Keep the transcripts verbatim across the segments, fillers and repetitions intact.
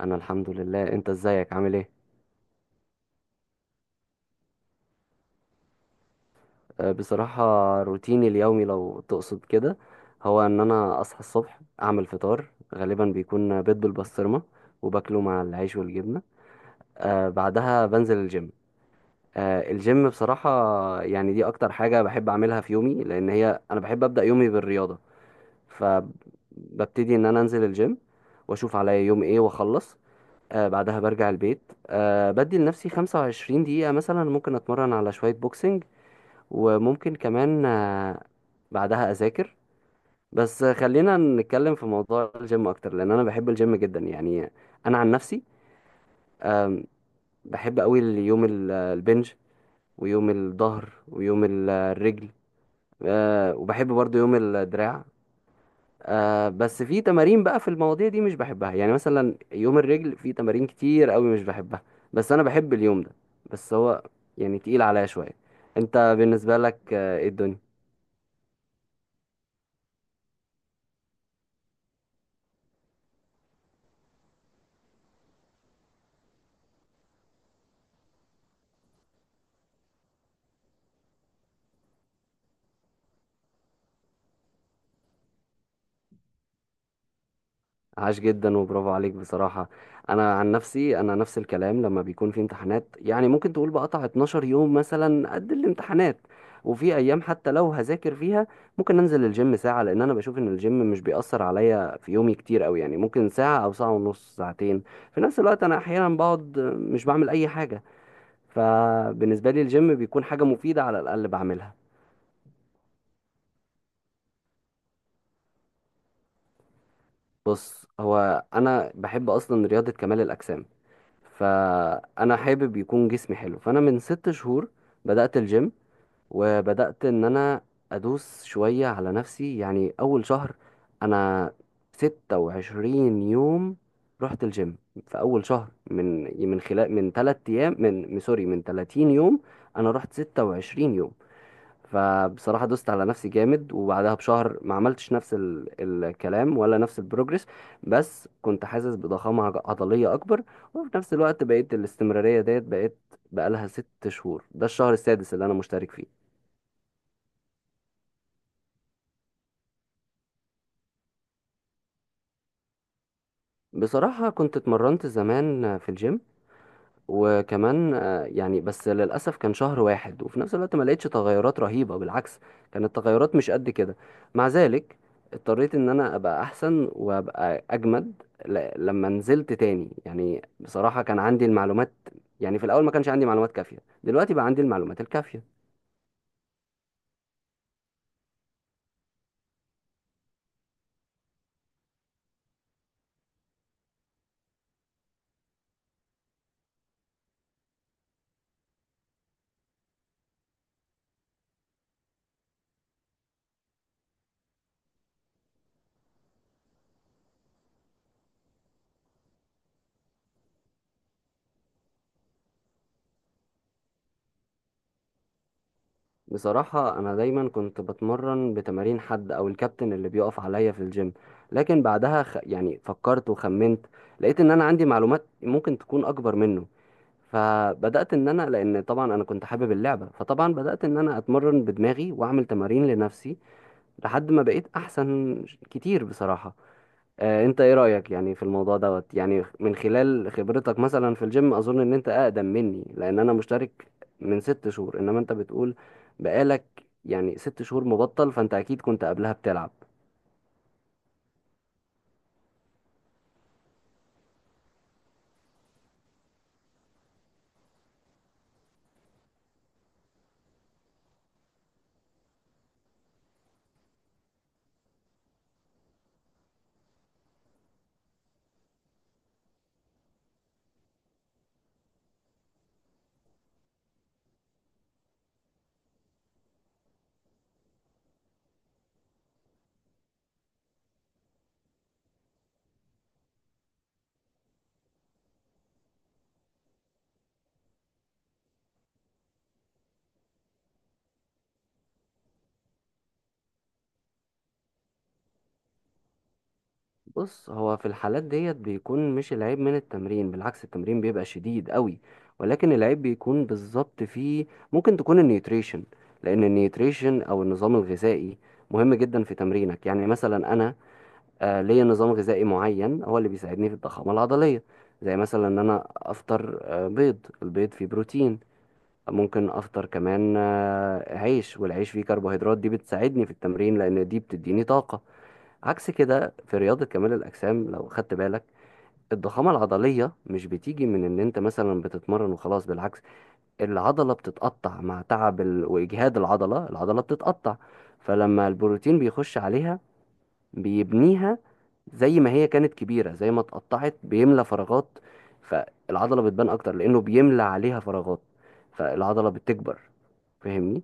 انا الحمد لله. انت ازيك، عامل ايه؟ أه، بصراحة روتيني اليومي لو تقصد كده، هو ان انا اصحى الصبح، اعمل فطار غالبا بيكون بيض بالبسطرمة، وباكله مع العيش والجبنة. أه بعدها بنزل الجيم. أه الجيم بصراحة، يعني دي اكتر حاجة بحب اعملها في يومي، لان هي انا بحب ابدأ يومي بالرياضة. فببتدي ان انا انزل الجيم واشوف عليا يوم ايه واخلص. أه بعدها برجع البيت. أه بدي لنفسي خمسة وعشرين دقيقة مثلا، ممكن أتمرن على شوية بوكسنج، وممكن كمان آه، بعدها اذاكر. بس خلينا نتكلم في موضوع الجيم اكتر، لان انا بحب الجيم جدا يعني. انا عن نفسي، آم، بحب قوي يوم ال- آه، البنج، ويوم الظهر، ويوم ال- آه، الرجل، آه، وبحب برضو يوم الدراع. آه، بس في تمارين بقى في المواضيع دي مش بحبها، يعني مثلا يوم الرجل في تمارين كتير قوي مش بحبها، بس انا بحب اليوم ده، بس هو يعني تقيل عليا شوية. انت بالنسبة لك آه، ايه الدنيا؟ عاش جدا وبرافو عليك بصراحة. أنا عن نفسي أنا نفس الكلام، لما بيكون في امتحانات يعني ممكن تقول بقطع اتناشر يوم مثلا قد الامتحانات. وفي أيام حتى لو هذاكر فيها، ممكن أنزل الجيم ساعة، لأن أنا بشوف إن الجيم مش بيأثر عليا في يومي كتير أوي، يعني ممكن ساعة أو ساعة ونص ساعتين. في نفس الوقت أنا أحيانا بقعد مش بعمل أي حاجة، فبالنسبة لي الجيم بيكون حاجة مفيدة على الأقل بعملها. بص هو أنا بحب أصلا رياضة كمال الأجسام، فانا حابب يكون جسمي حلو، فانا من ست شهور بدأت الجيم. وبدأت ان انا ادوس شوية على نفسي، يعني اول شهر انا ستة وعشرين يوم رحت الجيم. في اول شهر، من من خلال، من تلات ايام من من- سوري من تلاتين يوم انا رحت ستة وعشرين يوم. فبصراحة دوست على نفسي جامد، وبعدها بشهر ما عملتش نفس ال... الكلام، ولا نفس البروجرس. بس كنت حاسس بضخامة عض- عضلية أكبر، وفي نفس الوقت بقيت الاستمرارية ديت، بقيت بقالها ست شهور، ده الشهر السادس اللي أنا مشترك فيه. بصراحة كنت اتمرنت زمان في الجيم، وكمان آه، يعني بس للأسف كان شهر واحد، وفي نفس الوقت ما لقيتش تغيرات رهيبة، بالعكس كانت التغيرات مش قد كده. مع ذلك اضطريت ان انا ابقى احسن وابقى اجمد ل- لما نزلت تاني، يعني بصراحة كان عندي المعلومات، يعني في الاول ما كانش عندي معلومات كافية، دلوقتي بقى عندي المعلومات الكافية. بصراحة انا دايما كنت بتمرن بتمارين حد او الكابتن اللي بيقف عليا في الجيم، لكن بعدها خ... يعني فكرت وخمنت، لقيت ان انا عندي معلومات ممكن تكون اكبر منه. فبدات ان انا، لان طبعا انا كنت حابب اللعبه، فطبعا بدات ان انا اتمرن بدماغي واعمل تمارين لنفسي لحد ما بقيت احسن كتير بصراحه. آه انت ايه رايك يعني في الموضوع دوت، يعني من خلال خبرتك مثلا في الجيم. اظن ان انت اقدم مني، لان انا مشترك من ست شهور، انما انت بتقول بقالك يعني ست شهور مبطل، فانت اكيد كنت قبلها بتلعب. بص هو في الحالات ديت بيكون مش العيب من التمرين، بالعكس التمرين بيبقى شديد قوي. ولكن العيب بيكون بالظبط في، ممكن تكون النيوتريشن، لان النيوتريشن او النظام الغذائي مهم جدا في تمرينك. يعني مثلا انا آه، ليا نظام غذائي معين هو اللي بيساعدني في الضخامة العضلية. زي مثلا ان انا افطر آه، بيض، البيض فيه بروتين. ممكن افطر كمان آه، عيش، والعيش فيه كربوهيدرات، دي بتساعدني في التمرين لان دي بتديني طاقة. عكس كده في رياضة كمال الأجسام، لو خدت بالك الضخامة العضلية مش بتيجي من إن أنت مثلا بتتمرن وخلاص، بالعكس العضلة بتتقطع مع تعب ال- وإجهاد العضلة العضلة بتتقطع. فلما البروتين بيخش عليها بيبنيها، زي ما هي كانت كبيرة، زي ما اتقطعت بيملى فراغات، فالعضلة بتبان أكتر لأنه بيملى عليها فراغات، فالعضلة بتكبر. فاهمني؟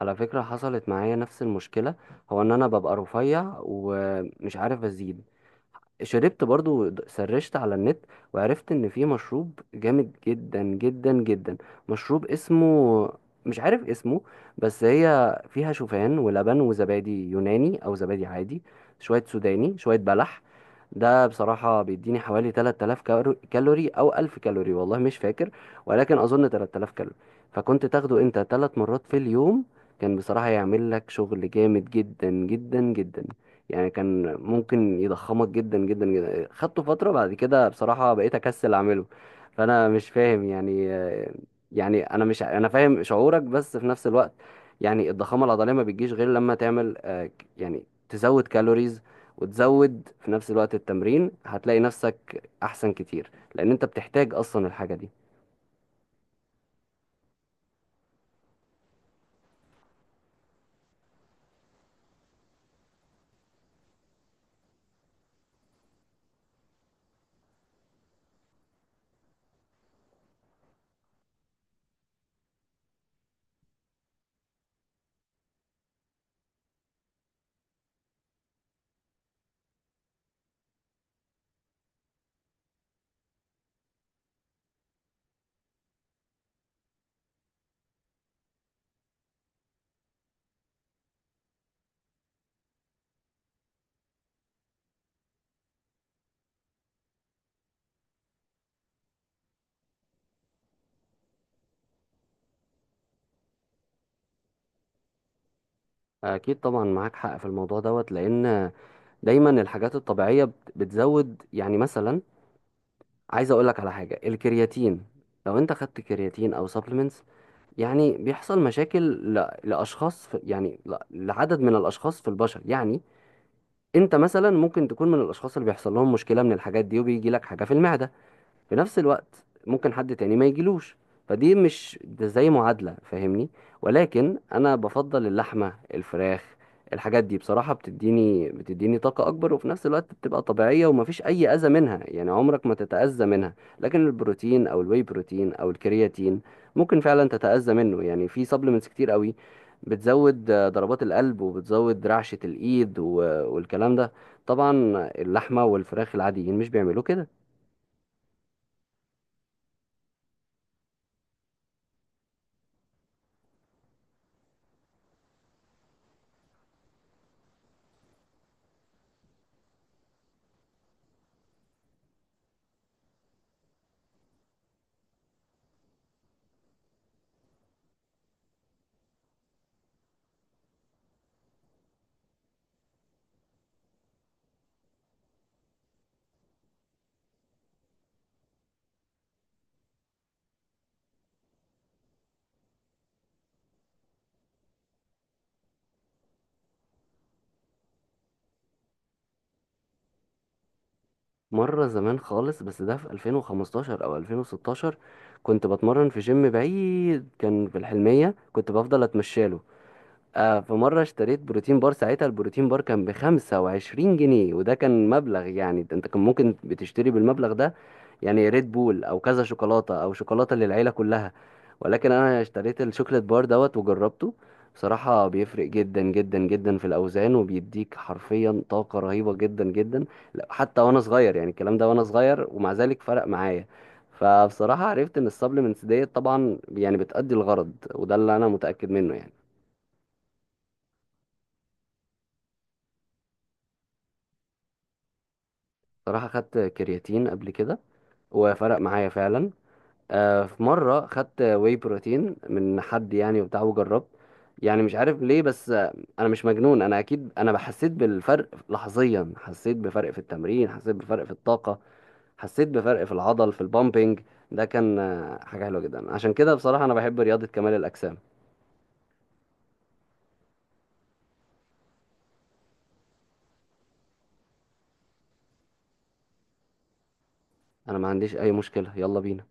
على فكرة حصلت معايا نفس المشكلة، هو إن أنا ببقى رفيع ومش عارف أزيد. شربت برضو، سرشت على النت وعرفت ان في مشروب جامد جدا جدا جدا. مشروب اسمه، مش عارف اسمه، بس هي فيها شوفان ولبن وزبادي يوناني او زبادي عادي، شوية سوداني، شوية بلح. ده بصراحة بيديني حوالي تلات الاف كالو- كالوري او الف كالوري، والله مش فاكر، ولكن اظن تلات الاف كالوري. فكنت تاخده انت ثلاث مرات في اليوم، كان بصراحة يعمل لك شغل جامد جدا جدا جدا. يعني كان ممكن يضخمك جدا جدا جدا. خدته فترة، بعد كده بصراحة بقيت أكسل أعمله. فأنا مش فاهم يعني، يعني أنا مش، أنا فاهم شعورك، بس في نفس الوقت يعني الضخامة العضلية ما بتجيش غير لما تعمل آه، ك- يعني تزود كالوريز، وتزود في نفس الوقت التمرين، هتلاقي نفسك أحسن كتير لأن أنت بتحتاج أصلا الحاجة دي. أكيد طبعا معاك حق في الموضوع دوت، لأن دايما الحاجات الطبيعية بت- بتزود، يعني مثلا عايز اقول لك على حاجه الكرياتين. لو انت خدت كرياتين او سبلمنتس يعني بيحصل مشاكل ل- لاشخاص، في يعني ل- لعدد من الاشخاص في البشر يعني. انت مثلا ممكن تكون من الاشخاص اللي بيحصل لهم مشكله من الحاجات دي، وبيجي لك حاجه في المعده، في نفس الوقت ممكن حد تاني ما يجيلوش. فدي مش ده زي معادلة، فاهمني؟ ولكن انا بفضل اللحمة، الفراخ، الحاجات دي بصراحة بتديني بتديني طاقة أكبر، وفي نفس الوقت بتبقى طبيعية ومفيش أي أذى منها، يعني عمرك ما تتأذى منها. لكن البروتين أو الواي بروتين أو الكرياتين ممكن فعلا تتأذى منه، يعني في سبلمنتس كتير قوي بتزود آه، ضربات القلب، وبتزود رعشة الإيد و- والكلام ده. طبعا اللحمة والفراخ العاديين مش بيعملوا كده. مرة زمان خالص، بس ده في الفين وخمستاشر أو الفين وستاشر، كنت بتمرن في جيم بعيد كان في الحلمية، كنت بفضل أتمشاله. آه في مرة اشتريت بروتين بار، ساعتها البروتين بار كان بخمسة وعشرين جنيه، وده كان مبلغ، يعني ده انت كان ممكن بتشتري بالمبلغ ده يعني ريد بول او كذا شوكولاتة او شوكولاتة للعيلة كلها. ولكن انا اشتريت الشوكليت بار دوت وجربته، بصراحة بيفرق جدا جدا جدا في الأوزان، وبيديك حرفيا طاقة رهيبة جدا جدا. لا، حتى وأنا صغير، يعني الكلام ده وأنا صغير ومع ذلك فرق معايا. فبصراحة عرفت إن السبلمنتس ديت طبعا يعني بتأدي الغرض، وده اللي أنا متأكد منه يعني. صراحة خدت كرياتين قبل كده وفرق معايا فعلا. آه، في مرة خدت واي بروتين من حد يعني وبتاع وجربت. يعني مش عارف ليه، بس آه، انا مش مجنون، انا اكيد انا حسيت بالفرق لحظيا، حسيت بفرق في التمرين، حسيت بفرق في الطاقة، حسيت بفرق في العضل في البامبينج. ده كان آه، حاجة حلوة جدا، عشان كده بصراحة انا بحب رياضة كمال الأجسام. انا ما عنديش اي مشكلة، يلا بينا.